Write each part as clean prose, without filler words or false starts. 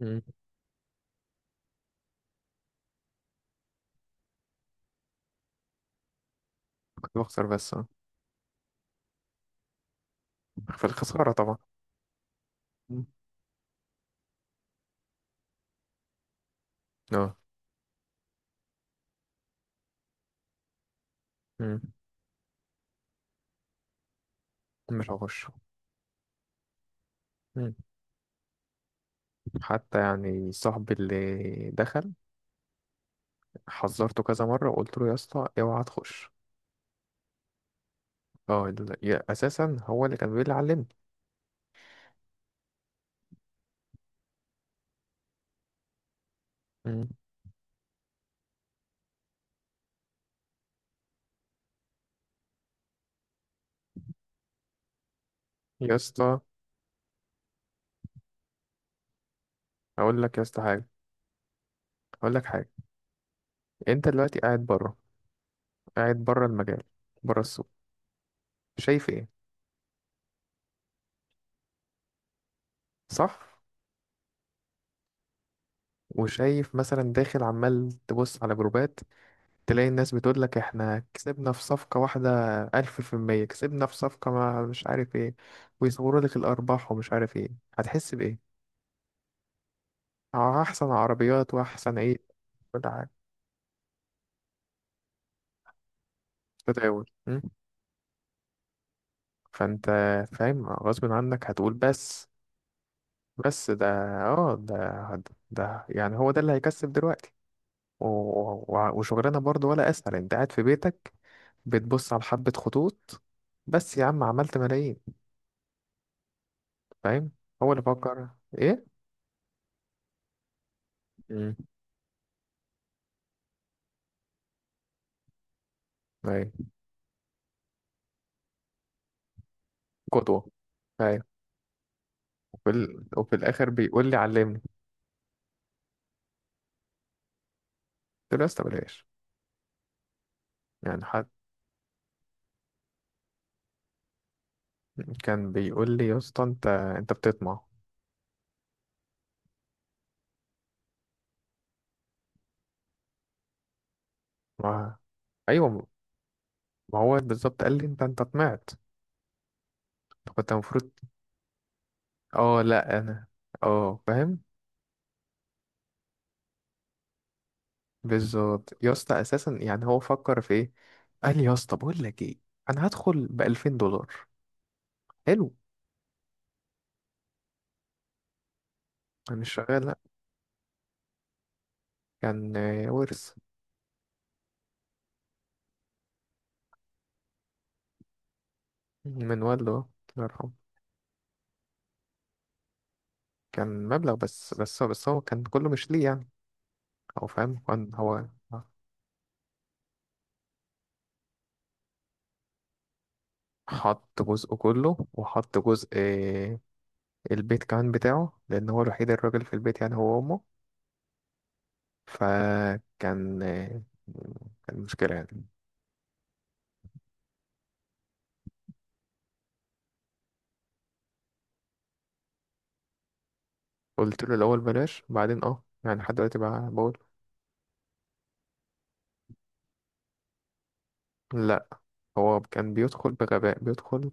مم. كنت بخسر بس اه. في الخسارة طبعا. مم. اه. مم. مش هخش. مم. حتى يعني صاحبي اللي دخل، حذرته كذا مرة وقلت له يا اسطى اوعى تخش. اه، اساسا هو اللي كان بيقول لي علمني. مم. يا اسطى، اقول لك يا اسطى حاجة، اقول لك حاجة. انت دلوقتي قاعد بره، قاعد بره المجال، بره السوق. شايف ايه؟ صح. وشايف مثلا داخل عمال تبص على جروبات، تلاقي الناس بتقول لك احنا كسبنا في صفقة واحدة 1000%، كسبنا في صفقة ما مش عارف ايه، ويصوروا لك الأرباح ومش عارف ايه. هتحس بإيه؟ أحسن عربيات وأحسن ايه، كل حاجة. تداول م؟ فأنت فاهم غصب عنك هتقول بس. بس ده، اه ده، ده يعني هو ده اللي هيكسب دلوقتي. و- وشغلانة برضو، ولا أسهل أنت قاعد في بيتك بتبص على حبة خطوط، بس يا عم عملت ملايين. فاهم. هو اللي فكر. ايه؟ مم. ايوه. قدوة. ايوه. وفي الاخر بيقول لي علمني. قلت له يا اسطى بلاش. يعني حد كان بيقول لي يا اسطى انت بتطمع. ما... ايوه. ما هو بالظبط قال لي انت طمعت. طب انت كنت المفروض، اه لا انا، اه فاهم. بالظبط يا اسطى، اساسا يعني هو فكر في ايه. قال لي يا اسطى بقول لك ايه، انا هدخل ب $2000. حلو. انا مش شغال، لا. كان ورث. من والده الله يرحمه. كان مبلغ بس هو كان كله مش ليه يعني. هو فاهم كان هو حط جزء كله، وحط جزء البيت كمان بتاعه، لأن هو الوحيد الراجل في البيت يعني هو وأمه. فكان كان مشكلة يعني. قلت له الأول بلاش، بعدين يعني لحد دلوقتي بقى بقول. لا، هو كان بيدخل بغباء، بيدخل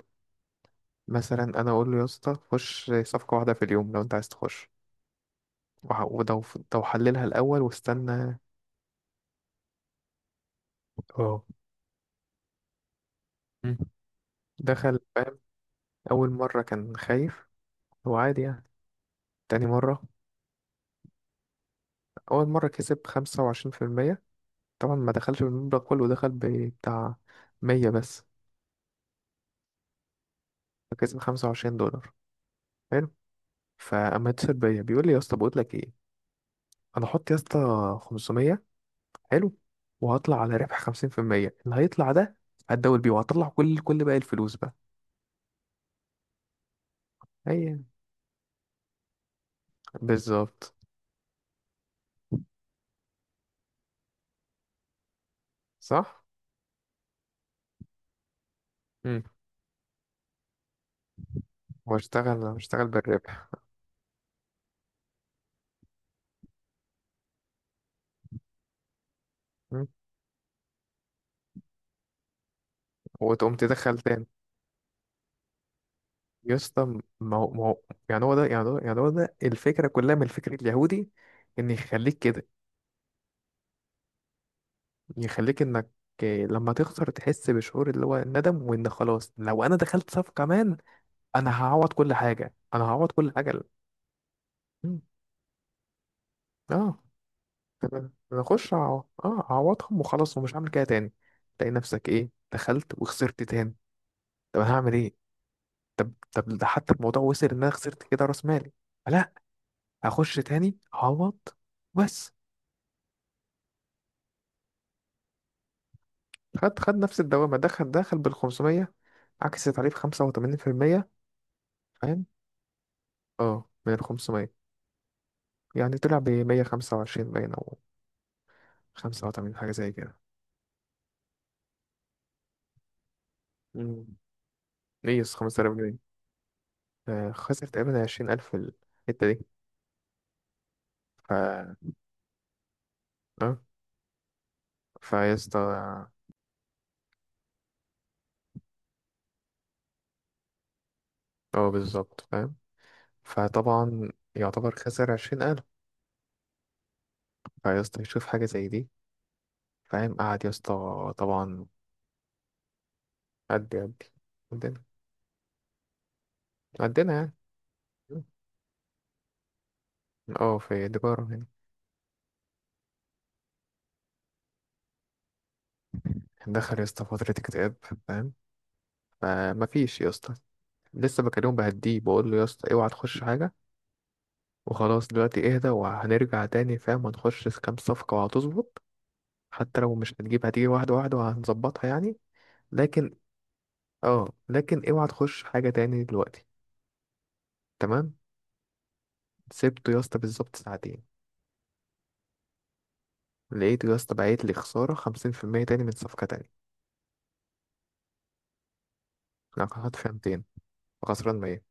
مثلا. أنا أقول له يا اسطى خش صفقة واحدة في اليوم لو أنت عايز تخش، ولو لو حللها الأول واستنى. اه. مم. دخل فاهم. أول مرة كان خايف، هو عادي يعني، تاني مرة. أول مرة كسب 25%. طبعا ما دخلش بالمبلغ كله، دخل بتاع 100 بس. فكسب $25. حلو. فأما اتصل بيا بيقول لي يا اسطى بقول لك ايه، أنا هحط يا اسطى 500. حلو. وهطلع على ربح 50%، اللي هيطلع ده هتداول بيه، وهطلع كل باقي الفلوس بقى. أي. بالظبط. صح؟ مم. واشتغل واشتغل بالربح. مم. وتقوم تدخل تاني. يا اسطى، ما هو يعني هو ده الفكرة كلها من الفكر اليهودي، ان يخليك كده، يخليك انك لما تخسر تحس بشعور اللي هو الندم، وان خلاص لو انا دخلت صف كمان انا هعوض كل حاجه، انا هعوض كل حاجه. مم. اه. انا اخش اعوضهم وخلاص ومش هعمل كده تاني. تلاقي نفسك ايه، دخلت وخسرت تاني. طب انا هعمل ايه. طب ده حتى الموضوع وصل ان انا خسرت كده راس مالي، لا هخش تاني هعوض بس. خد نفس الدوامه، دخل بال 500 عكس تعريف 85%. فاهم. اه من ال 500، يعني طلع ب 125 باين، أو 85 حاجة زي كده. مم. ليس 5000 جنيه، خسر تقريبا 20,000 في الحتة دي. ف اه فيسطا. اه بالظبط فاهم. فطبعا يعتبر خسر 20,000. فيسطا يشوف حاجة زي دي، فاهم، قعد يسطا طبعا. قد قدنا. قدنا يعني اه، في تجارة يعني. دخل يا اسطى فترة اكتئاب، فاهم. فمفيش يا اسطى، لسه بكلمه بهديه، بقول له يا اسطى اوعى تخش حاجة، وخلاص دلوقتي اهدى وهنرجع تاني فاهم، هنخش في كام صفقة وهتظبط، حتى لو مش هتجيب، هتيجي واحدة واحدة وهنظبطها يعني. لكن اه لكن اوعى تخش حاجة تاني دلوقتي. تمام. سبته يا اسطى بالظبط ساعتين، لقيته يا اسطى بعت لي خسارة 50% تاني من صفقة تانية. انا كنت حاطط فيها 200، فخسران 100.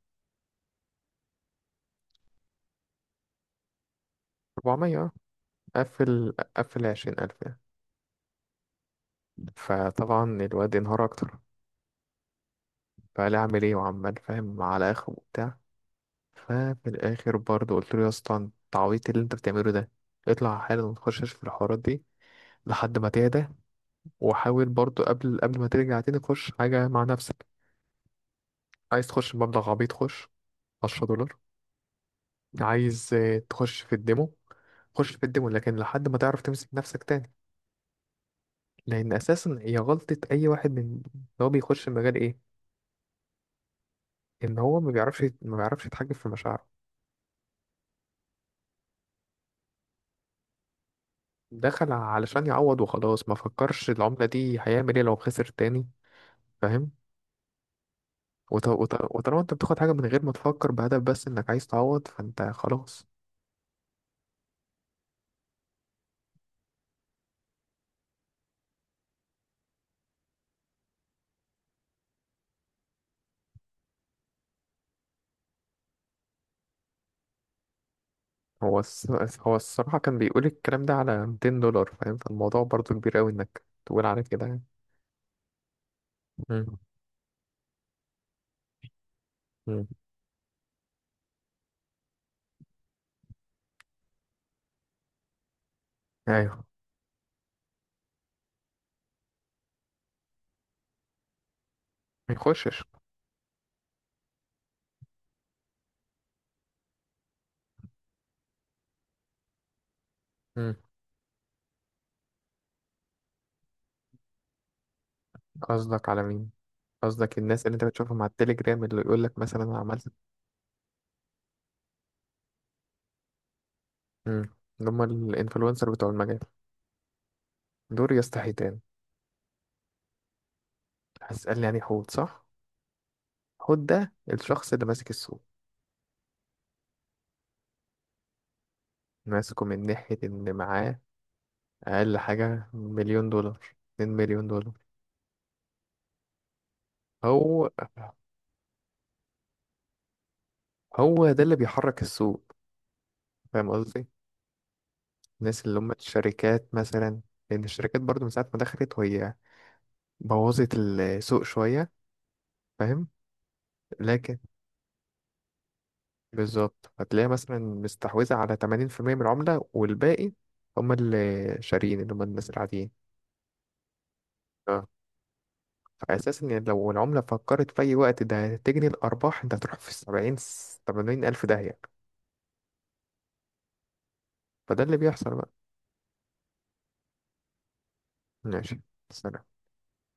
400 اه. قفل 20,000 يعني. فطبعا الواد انهار أكتر، فقال أعمل ايه، وعمال فاهم على آخره وبتاع. ففي الاخر برضه قلت له يا اسطى انت عبيط، إيه اللي انت بتعمله ده، اطلع حالا ما تخشش في الحوارات دي لحد ما تهدى. وحاول برضه قبل ما ترجع تاني تخش حاجه مع نفسك. عايز تخش بمبلغ عبيط خش $10، عايز تخش في الديمو، خش في الديمو، لكن لحد ما تعرف تمسك نفسك تاني. لان اساسا هي غلطه اي واحد من إن هو بيخش المجال ايه، ان هو ما بيعرفش يتحكم في مشاعره. دخل علشان يعوض وخلاص، ما فكرش العمله دي هيعمل ايه لو خسر تاني، فاهم. وطالما انت بتاخد حاجة من غير ما تفكر بهدف بس انك عايز تعوض فانت خلاص. هو الس... هو الصراحة كان بيقول الكلام ده على $200، فاهم، فالموضوع برضو كبير قوي انك تقول على كده يعني. مم. مم. ايوه، ما يخشش. مم. قصدك على مين؟ قصدك الناس اللي انت بتشوفهم على التليجرام اللي يقول لك مثلا انا عملت. مم. اللي هم الانفلونسر بتوع المجال. دول يا اسطى حيتان. هتسألني يعني حوت، صح. حوت ده الشخص اللي ماسك السوق. ماسكه من ناحية إن معاه اقل حاجة $1,000,000، $2,000,000. هو هو ده اللي بيحرك السوق، فاهم قصدي. الناس اللي هم الشركات مثلا، لان الشركات برضو من ساعة ما دخلت وهي بوظت السوق شوية، فاهم. لكن بالظبط هتلاقي مثلا مستحوذة على 80% من العملة، والباقي هم اللي شاريين اللي هم الناس العاديين. اه. فأساسا يعني لو العملة فكرت في أي وقت ده تجني الأرباح، أنت هتروح في السبعين تمانين ألف داهية. فده اللي بيحصل بقى. ماشي. سلام.